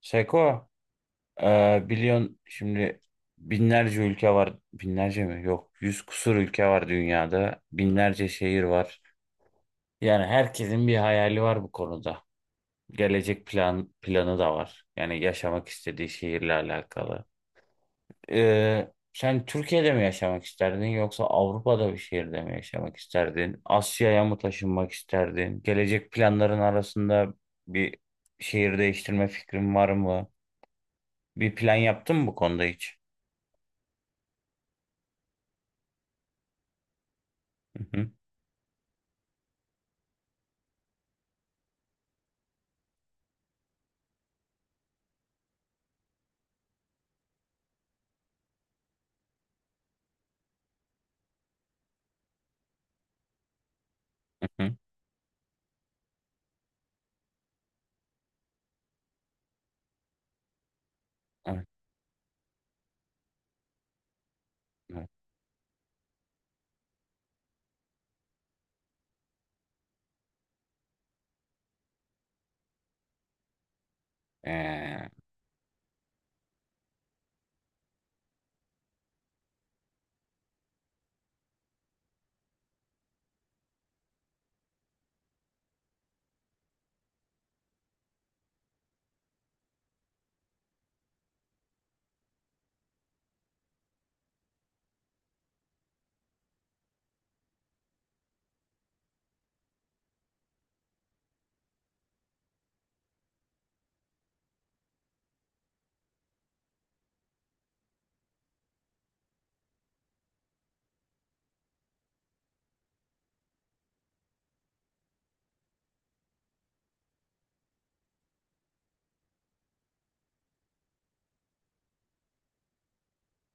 Seko, biliyorsun şimdi binlerce ülke var. Binlerce mi? Yok. Yüz kusur ülke var dünyada. Binlerce şehir var. Yani herkesin bir hayali var bu konuda. Gelecek planı da var. Yani yaşamak istediği şehirle alakalı. Sen Türkiye'de mi yaşamak isterdin yoksa Avrupa'da bir şehirde mi yaşamak isterdin? Asya'ya mı taşınmak isterdin? Gelecek planların arasında bir şehir değiştirme fikrin var mı? Bir plan yaptın mı bu konuda hiç? Hı hı hı. Hı. Evet. Evet. Ee,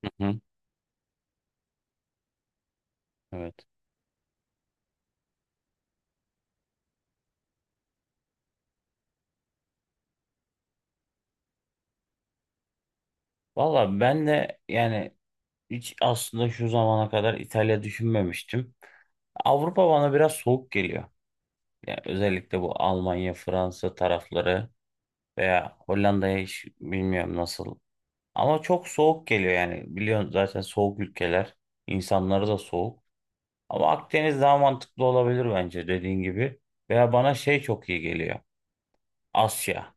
hı hı. Evet. Valla ben de yani hiç aslında şu zamana kadar İtalya düşünmemiştim. Avrupa bana biraz soğuk geliyor. Yani özellikle bu Almanya, Fransa tarafları veya Hollanda'ya hiç bilmiyorum nasıl. Ama çok soğuk geliyor yani. Biliyorsun zaten soğuk ülkeler. İnsanları da soğuk. Ama Akdeniz daha mantıklı olabilir bence dediğin gibi. Veya bana şey çok iyi geliyor. Asya.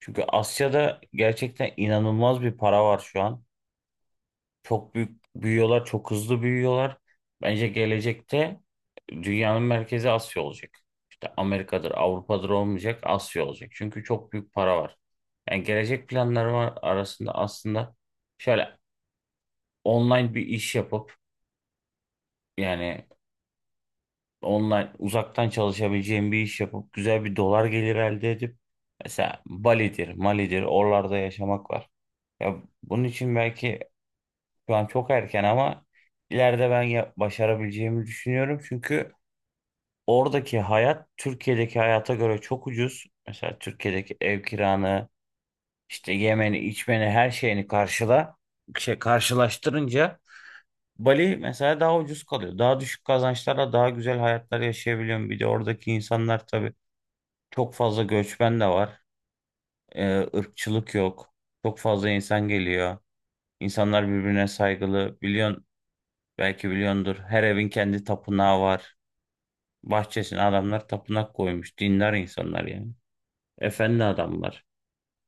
Çünkü Asya'da gerçekten inanılmaz bir para var şu an. Çok büyük büyüyorlar, çok hızlı büyüyorlar. Bence gelecekte dünyanın merkezi Asya olacak. İşte Amerika'dır, Avrupa'dır olmayacak, Asya olacak. Çünkü çok büyük para var. Yani gelecek planlarım var arasında aslında şöyle online bir iş yapıp yani online uzaktan çalışabileceğim bir iş yapıp güzel bir dolar gelir elde edip mesela Bali'dir, Mali'dir oralarda yaşamak var. Ya bunun için belki şu an çok erken ama ileride ben başarabileceğimi düşünüyorum. Çünkü oradaki hayat Türkiye'deki hayata göre çok ucuz. Mesela Türkiye'deki ev kiranı, işte yemeni, içmeni, her şeyini karşıla, şey karşılaştırınca Bali mesela daha ucuz kalıyor. Daha düşük kazançlarla daha güzel hayatlar yaşayabiliyorum. Bir de oradaki insanlar tabii çok fazla göçmen de var. Irkçılık yok. Çok fazla insan geliyor. İnsanlar birbirine saygılı. Biliyorsun. Belki biliyordur. Her evin kendi tapınağı var. Bahçesine adamlar tapınak koymuş. Dindar insanlar yani. Efendi adamlar.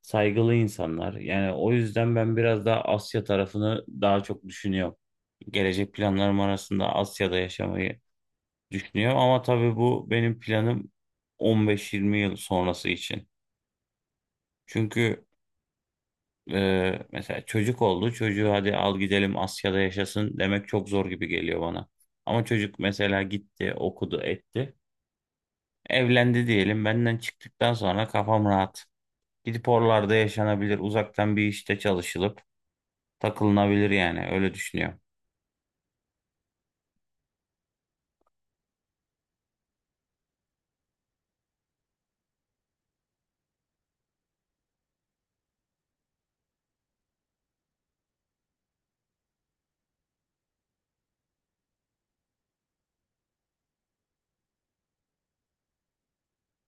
Saygılı insanlar. Yani o yüzden ben biraz daha Asya tarafını daha çok düşünüyorum. Gelecek planlarım arasında Asya'da yaşamayı düşünüyorum. Ama tabii bu benim planım 15-20 yıl sonrası için. Çünkü mesela çocuk oldu. Çocuğu hadi al gidelim Asya'da yaşasın demek çok zor gibi geliyor bana. Ama çocuk mesela gitti, okudu, etti. Evlendi diyelim. Benden çıktıktan sonra kafam rahat. Gidip oralarda yaşanabilir. Uzaktan bir işte çalışılıp takılınabilir yani. Öyle düşünüyorum.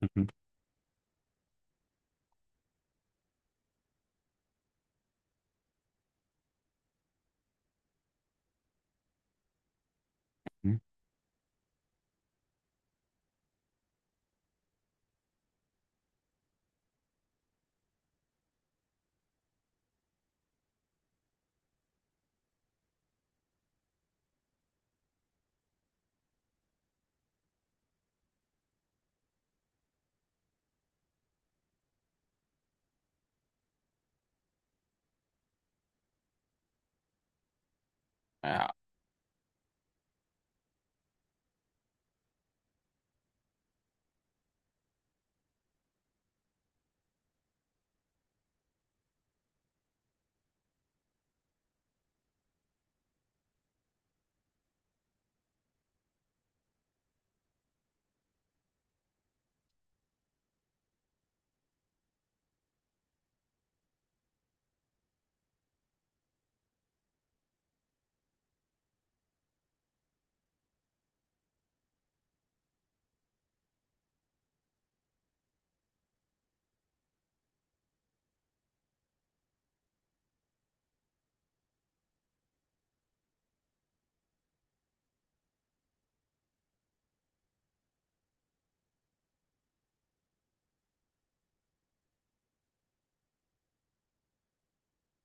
Hı hı. Hı. Ya,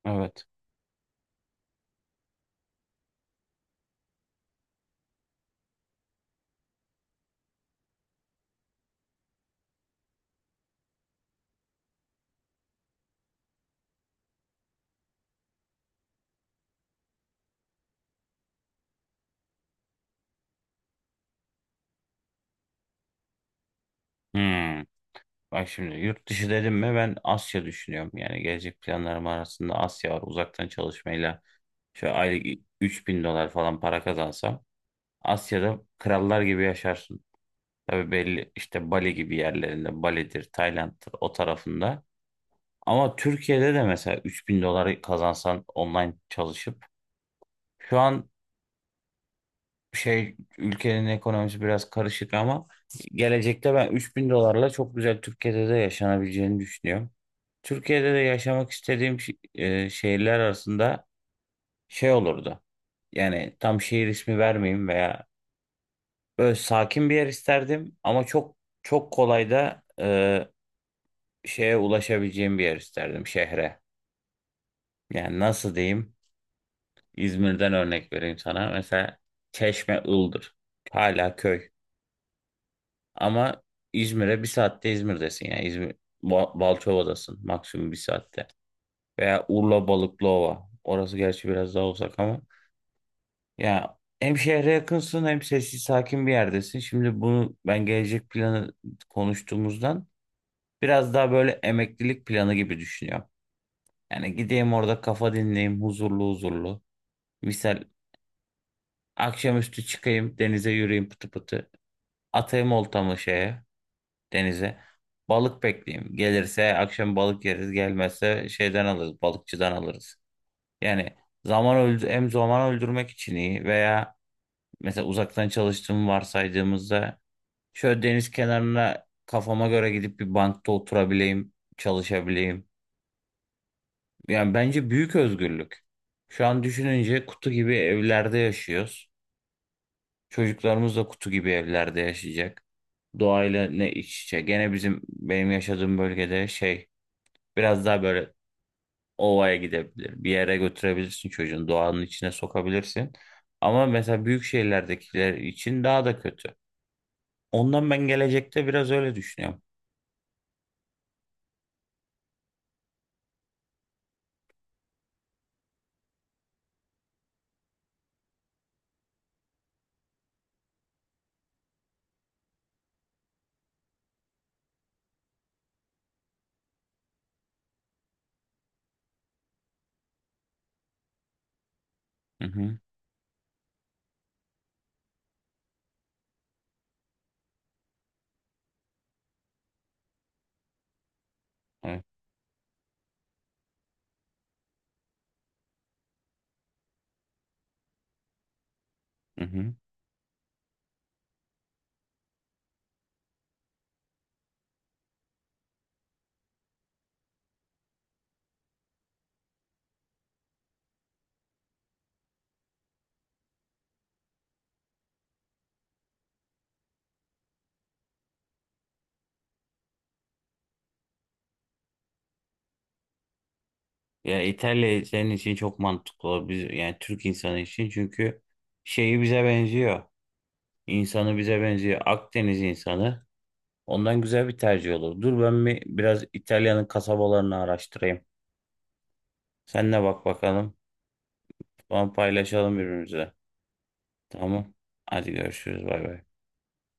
evet. Hmm. Bak şimdi yurt dışı dedim mi ben Asya düşünüyorum. Yani gelecek planlarım arasında Asya var. Uzaktan çalışmayla şöyle aylık 3000 dolar falan para kazansam Asya'da krallar gibi yaşarsın. Tabii belli işte Bali gibi yerlerinde Bali'dir, Tayland'dır o tarafında. Ama Türkiye'de de mesela 3000 doları kazansan online çalışıp şu an şey ülkenin ekonomisi biraz karışık ama gelecekte ben 3000 dolarla çok güzel Türkiye'de de yaşanabileceğini düşünüyorum. Türkiye'de de yaşamak istediğim şehirler arasında şey olurdu. Yani tam şehir ismi vermeyeyim veya böyle sakin bir yer isterdim ama çok çok kolay da şeye ulaşabileceğim bir yer isterdim şehre. Yani nasıl diyeyim? İzmir'den örnek vereyim sana. Mesela Çeşme Iğdır. Hala köy. Ama İzmir'e bir saatte İzmir'desin yani. İzmir, Balçova'dasın maksimum bir saatte. Veya Urla Balıklıova. Orası gerçi biraz daha uzak ama. Ya hem şehre yakınsın hem sessiz sakin bir yerdesin. Şimdi bunu ben gelecek planı konuştuğumuzdan biraz daha böyle emeklilik planı gibi düşünüyorum. Yani gideyim orada kafa dinleyeyim huzurlu huzurlu. Misal akşamüstü çıkayım denize yürüyeyim pıtı pıtı. Atayım oltamı şeye, denize. Balık bekleyeyim. Gelirse akşam balık yeriz. Gelmezse şeyden alırız, balıkçıdan alırız. Yani zaman öldü hem zaman öldürmek için iyi veya mesela uzaktan çalıştığımı varsaydığımızda şöyle deniz kenarına kafama göre gidip bir bankta oturabileyim, çalışabileyim. Yani bence büyük özgürlük. Şu an düşününce kutu gibi evlerde yaşıyoruz. Çocuklarımız da kutu gibi evlerde yaşayacak. Doğayla ne iç içe. Gene benim yaşadığım bölgede şey biraz daha böyle ovaya gidebilir. Bir yere götürebilirsin çocuğun doğanın içine sokabilirsin. Ama mesela büyük şehirlerdekiler için daha da kötü. Ondan ben gelecekte biraz öyle düşünüyorum. Hı hı. Evet. Hı hı. Ya İtalya senin için çok mantıklı olur. Biz, yani Türk insanı için çünkü şeyi bize benziyor. İnsanı bize benziyor. Akdeniz insanı. Ondan güzel bir tercih olur. Dur ben biraz İtalya'nın kasabalarını araştırayım. Sen de bak bakalım. Sonra paylaşalım birbirimize. Tamam. Hadi görüşürüz. Bay bay.